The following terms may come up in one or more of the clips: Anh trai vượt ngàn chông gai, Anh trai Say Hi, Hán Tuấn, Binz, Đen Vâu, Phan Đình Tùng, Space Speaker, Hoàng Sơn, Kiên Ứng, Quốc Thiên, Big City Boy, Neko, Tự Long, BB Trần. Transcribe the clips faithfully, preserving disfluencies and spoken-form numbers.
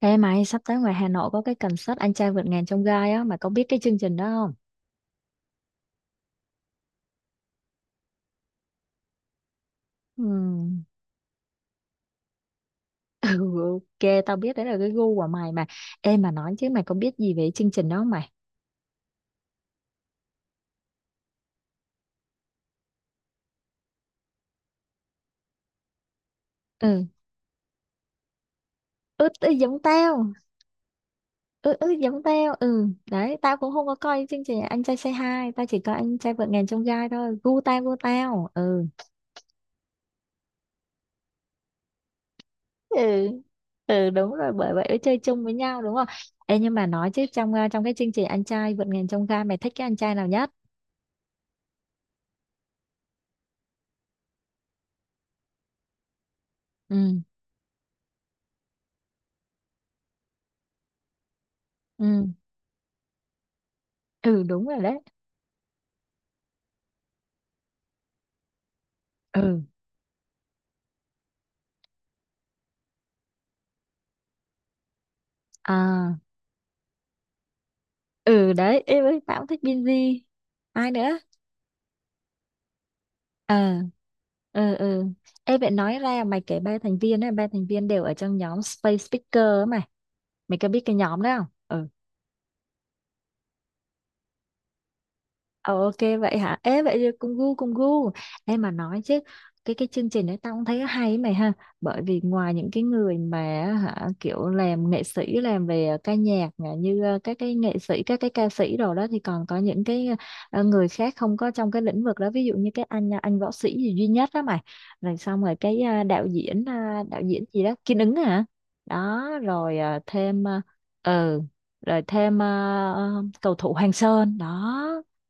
Ê mày, sắp tới ngoài Hà Nội có cái concert Anh trai vượt ngàn chông gai á, mày có biết cái chương trình đó không? Ừm. Ừ, ok, tao biết đấy là cái gu của mày mà. Ê mà nói chứ mày có biết gì về chương trình đó không mày? Ừ ướt, ừ giống tao, ừ, ừ giống tao, ừ. Đấy, tao cũng không có coi chương trình Anh trai Say Hi, tao chỉ coi Anh trai vượt ngàn chông gai thôi, gu tao, gu tao, ừ. Ừ. Ừ đúng rồi, bởi vậy mới chơi chung với nhau đúng không? Ê nhưng mà nói chứ trong ờ, trong cái chương trình anh trai vượt ngàn chông gai mày thích cái anh trai nào nhất? Ừ. Ừ. Ừ đúng rồi đấy. Ừ. À. Ừ đấy em ơi, tao cũng thích Binz. Ai nữa? Ờ. Ừ. Ừ em vậy nói ra mày kể ba thành viên ấy, ba thành viên đều ở trong nhóm Space Speaker ấy mày, mày có biết cái nhóm đó không? Ừ. Ờ, ok vậy hả? Ê vậy thì cùng gu, cùng gu. Em mà nói chứ cái cái chương trình đấy tao cũng thấy hay ấy mày ha. Bởi vì ngoài những cái người mà hả kiểu làm nghệ sĩ làm về ờ, ca nhạc nè, như ờ, các cái nghệ sĩ các cái ca sĩ rồi đó thì còn có những cái ờ, người khác không có trong cái lĩnh vực đó, ví dụ như cái anh ờ, anh võ sĩ gì duy nhất đó mày. Rồi xong rồi cái ờ, đạo diễn ờ, đạo diễn gì đó Kiên Ứng hả? Đó rồi ờ, thêm ờ ừ, rồi thêm ờ, ờ, cầu thủ Hoàng Sơn đó.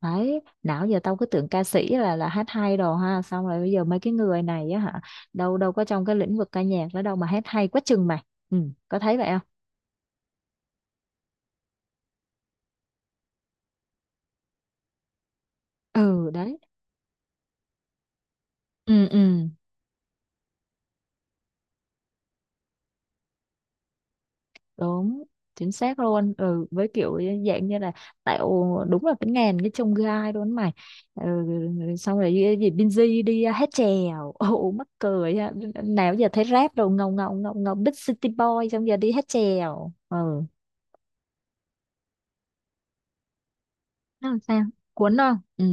Đấy, nào giờ tao cứ tưởng ca sĩ là là hát hay đồ ha, xong rồi bây giờ mấy cái người này á hả, đâu đâu có trong cái lĩnh vực ca nhạc đó đâu mà hát hay quá chừng mày. Ừ, có thấy vậy không? Ừ, đấy. Ừ, ừ, đúng, chính xác luôn. Ừ, với kiểu dạng như là tạo đúng là cái ngàn cái chông gai luôn mày. Ừ, xong rồi cái gì Binz đi hát chèo. Ồ mắc cười ha. Nào giờ thấy rap đồ ngầu ngầu ngầu ngầu Big City Boy xong giờ đi hát chèo. Ừ, nó làm sao? Cuốn không? Ừ.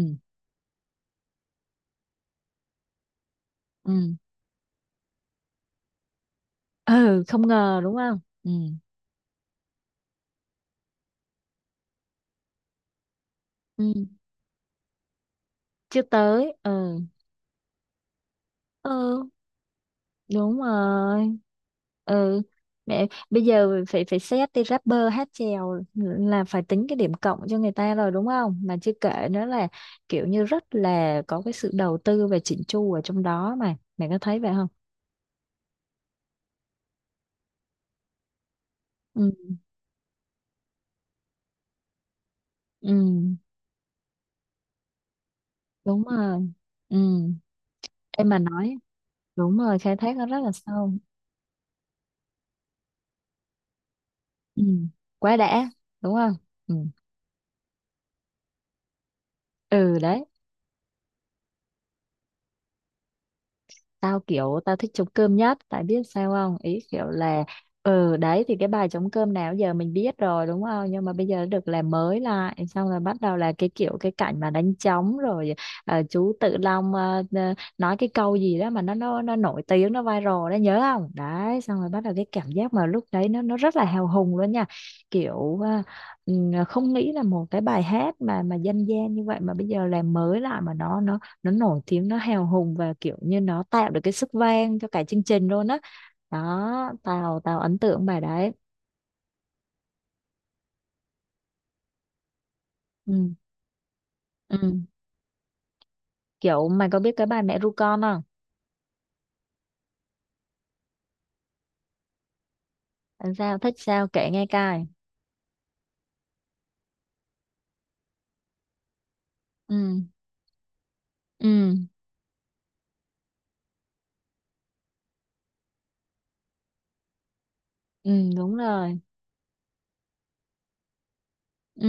Ừ. Ừ không ngờ đúng không? Ừ. Ừ chưa tới, ừ. Ừ đúng rồi, ừ. Mẹ, bây giờ phải phải xét đi rapper hát chèo là phải tính cái điểm cộng cho người ta rồi đúng không, mà chưa kể nữa là kiểu như rất là có cái sự đầu tư và chỉnh chu ở trong đó mà mẹ có thấy vậy không? Ừ. Ừ đúng rồi, ừ. Em mà nói đúng rồi khai thác nó rất là sâu, ừ. Quá đã đúng không? Ừ. Ừ đấy. Tao kiểu tao thích trống cơm nhất tại biết sao không, ý kiểu là ừ đấy, thì cái bài trống cơm nào giờ mình biết rồi đúng không, nhưng mà bây giờ được làm mới lại, xong rồi bắt đầu là cái kiểu cái cảnh mà đánh trống, rồi ờ, chú Tự Long ờ, ờ, nói cái câu gì đó mà nó nó nó nổi tiếng nó viral đó nhớ không đấy, xong rồi bắt đầu cái cảm giác mà lúc đấy nó nó rất là hào hùng luôn nha, kiểu ờ, ừ, không nghĩ là một cái bài hát mà mà dân gian như vậy mà bây giờ làm mới lại mà nó nó nó nổi tiếng, nó hào hùng và kiểu như nó tạo được cái sức vang cho cả chương trình luôn á. Đó, tao tao ấn tượng bài đấy. Ừ. Ừ kiểu mày có biết cái bài mẹ ru con không? Làm sao thích sao kể nghe cài, ừ, ừ, ừ đúng rồi, ừ,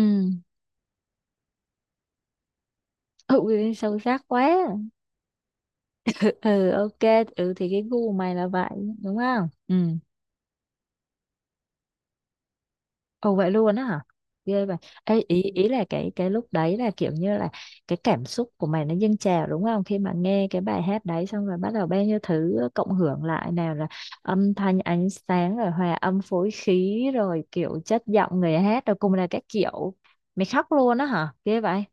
ừ sâu sắc quá. Ừ, ừ, ok ừ thì cái gu mày là vậy đúng không, ừ. Ồ vậy luôn á hả? Ghê vậy. Ê, ý ừ, ý là cái cái lúc đấy là kiểu như là cái cảm xúc của mày nó dâng trào đúng không? Khi mà nghe cái bài hát đấy xong rồi bắt đầu bao nhiêu thứ cộng hưởng lại, nào là âm thanh ánh sáng rồi hòa âm phối khí rồi kiểu chất giọng người hát rồi cùng là các kiểu. Mày khóc luôn á hả? Ghê vậy.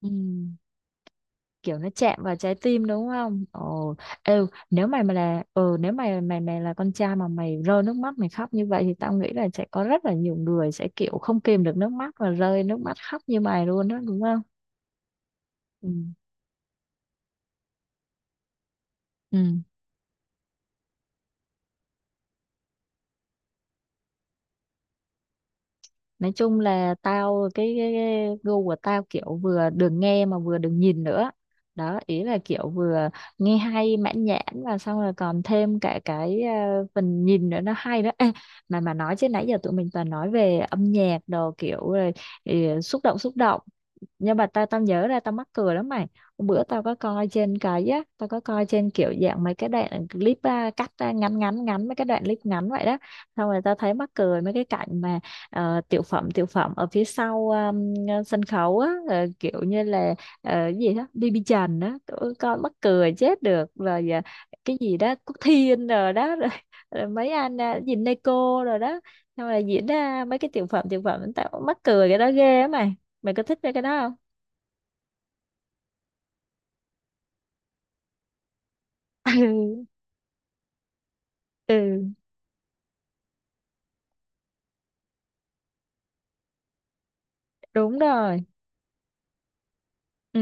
Ừ. Kiểu nó chạm vào trái tim đúng không? Ồ, ừ, nếu mày mà là ừ, nếu mày mày mày là con trai mà mày rơi nước mắt mày khóc như vậy thì tao nghĩ là sẽ có rất là nhiều người sẽ kiểu không kìm được nước mắt và rơi nước mắt khóc như mày luôn đó đúng không? Ừ. Ừ. Nói chung là tao cái, cái, cái gu của tao kiểu vừa được nghe mà vừa được nhìn nữa, đó ý là kiểu vừa nghe hay mãn nhãn và xong rồi còn thêm cả cái ờ, phần nhìn nữa nó hay đó. Ê, mà mà nói chứ nãy giờ tụi mình toàn nói về âm nhạc đồ kiểu rồi ừ, xúc động xúc động, nhưng mà tao tao nhớ ra tao mắc cười lắm mày. Hôm bữa tao có coi trên cái á, tao có coi trên kiểu dạng mấy cái đoạn clip à, cắt ra ngắn ngắn ngắn mấy cái đoạn clip ngắn vậy đó, xong rồi tao thấy mắc cười mấy cái cảnh mà ờ, tiểu phẩm tiểu phẩm ở phía sau um, sân khấu á, ờ, kiểu như là ờ, cái gì đó bê bê Trần á tụi con mắc cười chết được rồi, ờ, cái gì đó Quốc Thiên rồi đó rồi, rồi mấy anh à, gì Neko rồi đó, xong rồi diễn ra mấy cái tiểu phẩm tiểu phẩm, tao mắc cười cái đó ghê á mày, mày có thích mấy cái đó không? Ừ, ừ. Đúng rồi, ừ,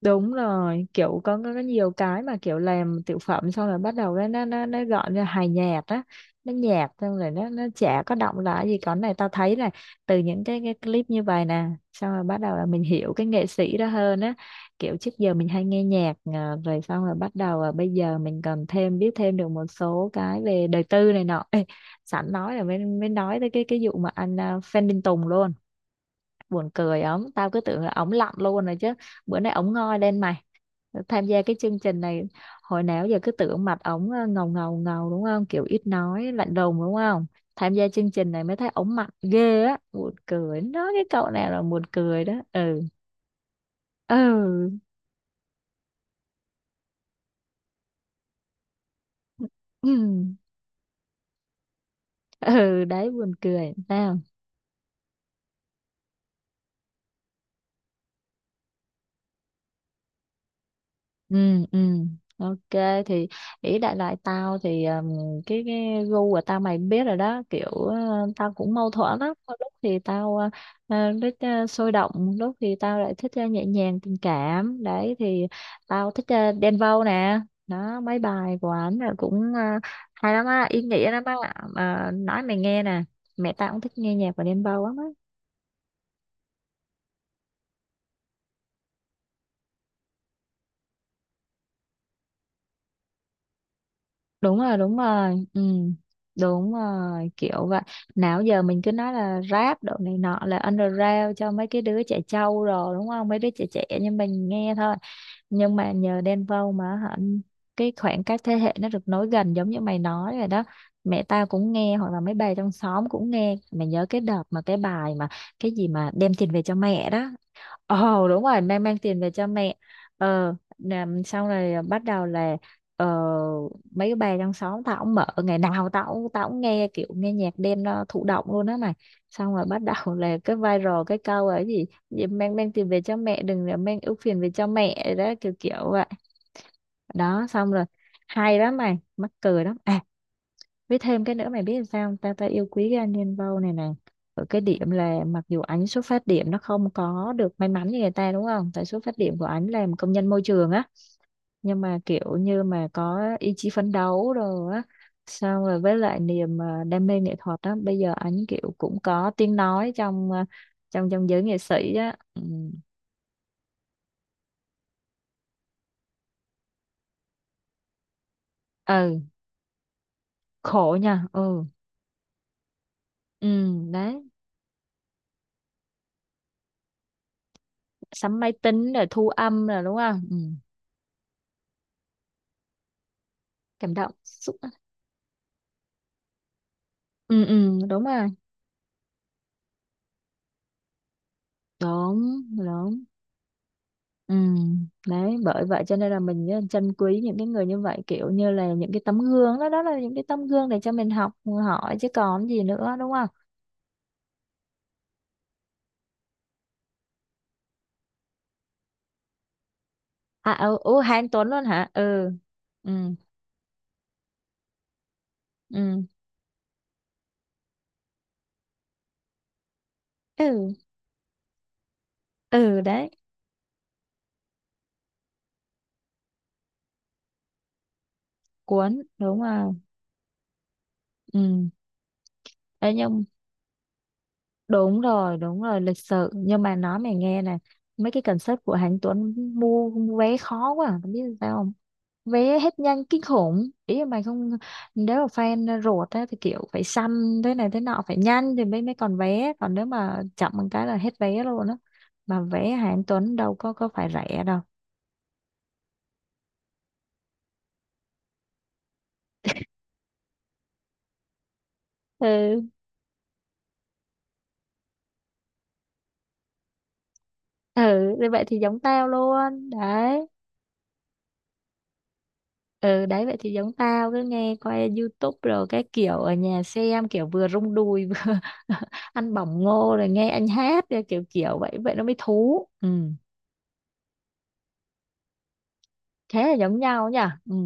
đúng rồi kiểu có, có có nhiều cái mà kiểu làm tiểu phẩm xong rồi bắt đầu nó nó nó, nó gọn ra hài nhạt á, nó nhạt xong rồi nó nó chả có động lại gì, còn này tao thấy là từ những cái cái clip như vậy nè, xong rồi bắt đầu là mình hiểu cái nghệ sĩ đó hơn á, kiểu trước giờ mình hay nghe nhạc à, rồi xong rồi bắt đầu là bây giờ mình cần thêm biết thêm được một số cái về đời tư này nọ. Ê, sẵn nói là mới mới nói tới cái cái vụ mà anh à, Phan Đình Tùng luôn, buồn cười ổng, tao cứ tưởng là ổng lặn luôn rồi chứ, bữa nay ổng ngoi lên mày, tham gia cái chương trình này, hồi nào giờ cứ tưởng mặt ổng ờ, ngầu ngầu ngầu đúng không, kiểu ít nói lạnh lùng đúng không, tham gia chương trình này mới thấy ổng mặt ghê á, buồn cười nói cái cậu này là buồn cười đó, ừ. Ừ, ừ, ừ. Đấy buồn cười. Nào ừ, ừ, ok thì ý đại loại tao thì um, cái cái gu của tao mày biết rồi đó, kiểu ờ, tao cũng mâu thuẫn lắm, có lúc thì tao ờ, ờ, thích ờ, sôi động, lúc thì tao lại thích ờ, nhẹ nhàng tình cảm, đấy thì tao thích ờ, Đen Vâu nè, đó mấy bài của ảnh là cũng ờ, hay lắm á, ý nghĩa lắm á, mà nói mày nghe nè, mẹ tao cũng thích nghe nhạc của Đen Vâu lắm á. Đúng rồi đúng rồi, ừ đúng rồi kiểu vậy. Nào giờ mình cứ nói là rap độ này nọ là underground cho mấy cái đứa trẻ trâu rồi đúng không, mấy đứa trẻ trẻ nhưng mình nghe thôi, nhưng mà nhờ Đen Vâu mà hả cái khoảng cách thế hệ nó được nối gần giống như mày nói rồi đó, mẹ tao cũng nghe hoặc là mấy bà trong xóm cũng nghe, mày nhớ cái đợt mà cái bài mà cái gì mà đem tiền về cho mẹ đó. Ồ đúng rồi, mang mang tiền về cho mẹ. Ờ làm sau này bắt đầu là ờ, mấy cái bà trong xóm tao cũng mở, ngày nào tao cũng- tao cũng nghe kiểu nghe nhạc đêm, nó thụ động luôn á mày, xong rồi bắt đầu là cái viral cái câu ấy gì, gì mang mang tiền về cho mẹ đừng là mang ưu phiền về cho mẹ đó, kiểu kiểu vậy đó, xong rồi hay lắm mày mắc cười lắm. À với thêm cái nữa mày biết sao không? Ta ta yêu quý cái anh nhân Vâu này này, ở cái điểm là mặc dù ảnh xuất phát điểm nó không có được may mắn như người ta đúng không, tại xuất phát điểm của ảnh làm công nhân môi trường á, nhưng mà kiểu như mà có ý chí phấn đấu rồi á, xong rồi với lại niềm ờ, đam mê nghệ thuật á, bây giờ ảnh kiểu cũng có tiếng nói trong ờ, trong trong giới nghệ sĩ á, ừ. Ừ khổ nha, ừ, ừ đấy, sắm máy tính rồi thu âm rồi đúng không, ừ. Cảm động xúc. Ừ, ừ đúng rồi, đúng đúng, ừ. Đấy bởi vậy cho nên là mình á, trân quý những cái người như vậy, kiểu như là những cái tấm gương, đó đó là những cái tấm gương để cho mình học hỏi chứ còn gì nữa đúng không? À ừ, ừ Hán Tuấn luôn hả, ừ, ừ, ừ, ừ, ừ đấy, cuốn đúng không, ừ đấy nhưng đúng rồi đúng rồi lịch sự, nhưng mà nói mày nghe nè mấy cái concept của Hán Tuấn, mua vé khó quá không biết sao không? Vé hết nhanh kinh khủng, ý là mày không, nếu mà fan ruột á thì kiểu phải săn thế này thế nọ, phải nhanh thì mới mới còn vé, còn nếu mà chậm một cái là hết vé luôn á, mà vé hạng Tuấn đâu có có phải rẻ đâu. Ừ, ừ thì vậy thì giống tao luôn đấy, ừ đấy vậy thì giống tao cứ nghe coi YouTube rồi cái kiểu ở nhà xem kiểu vừa rung đùi vừa ăn bỏng ngô rồi nghe anh hát kiểu kiểu vậy vậy nó mới thú, ừ. Thế là giống nhau nhỉ, ừ.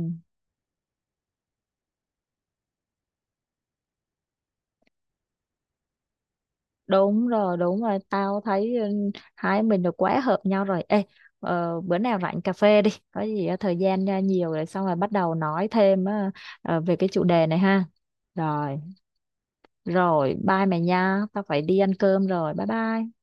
Đúng rồi, đúng rồi, tao thấy ừ, hai mình được quá hợp nhau rồi. Ê, ờ, bữa nào rảnh cà phê đi, có gì á, thời gian ra nhiều rồi xong rồi bắt đầu nói thêm á, ờ, về cái chủ đề này ha. Rồi, rồi, bye mày nha, tao phải đi ăn cơm rồi, bye bye.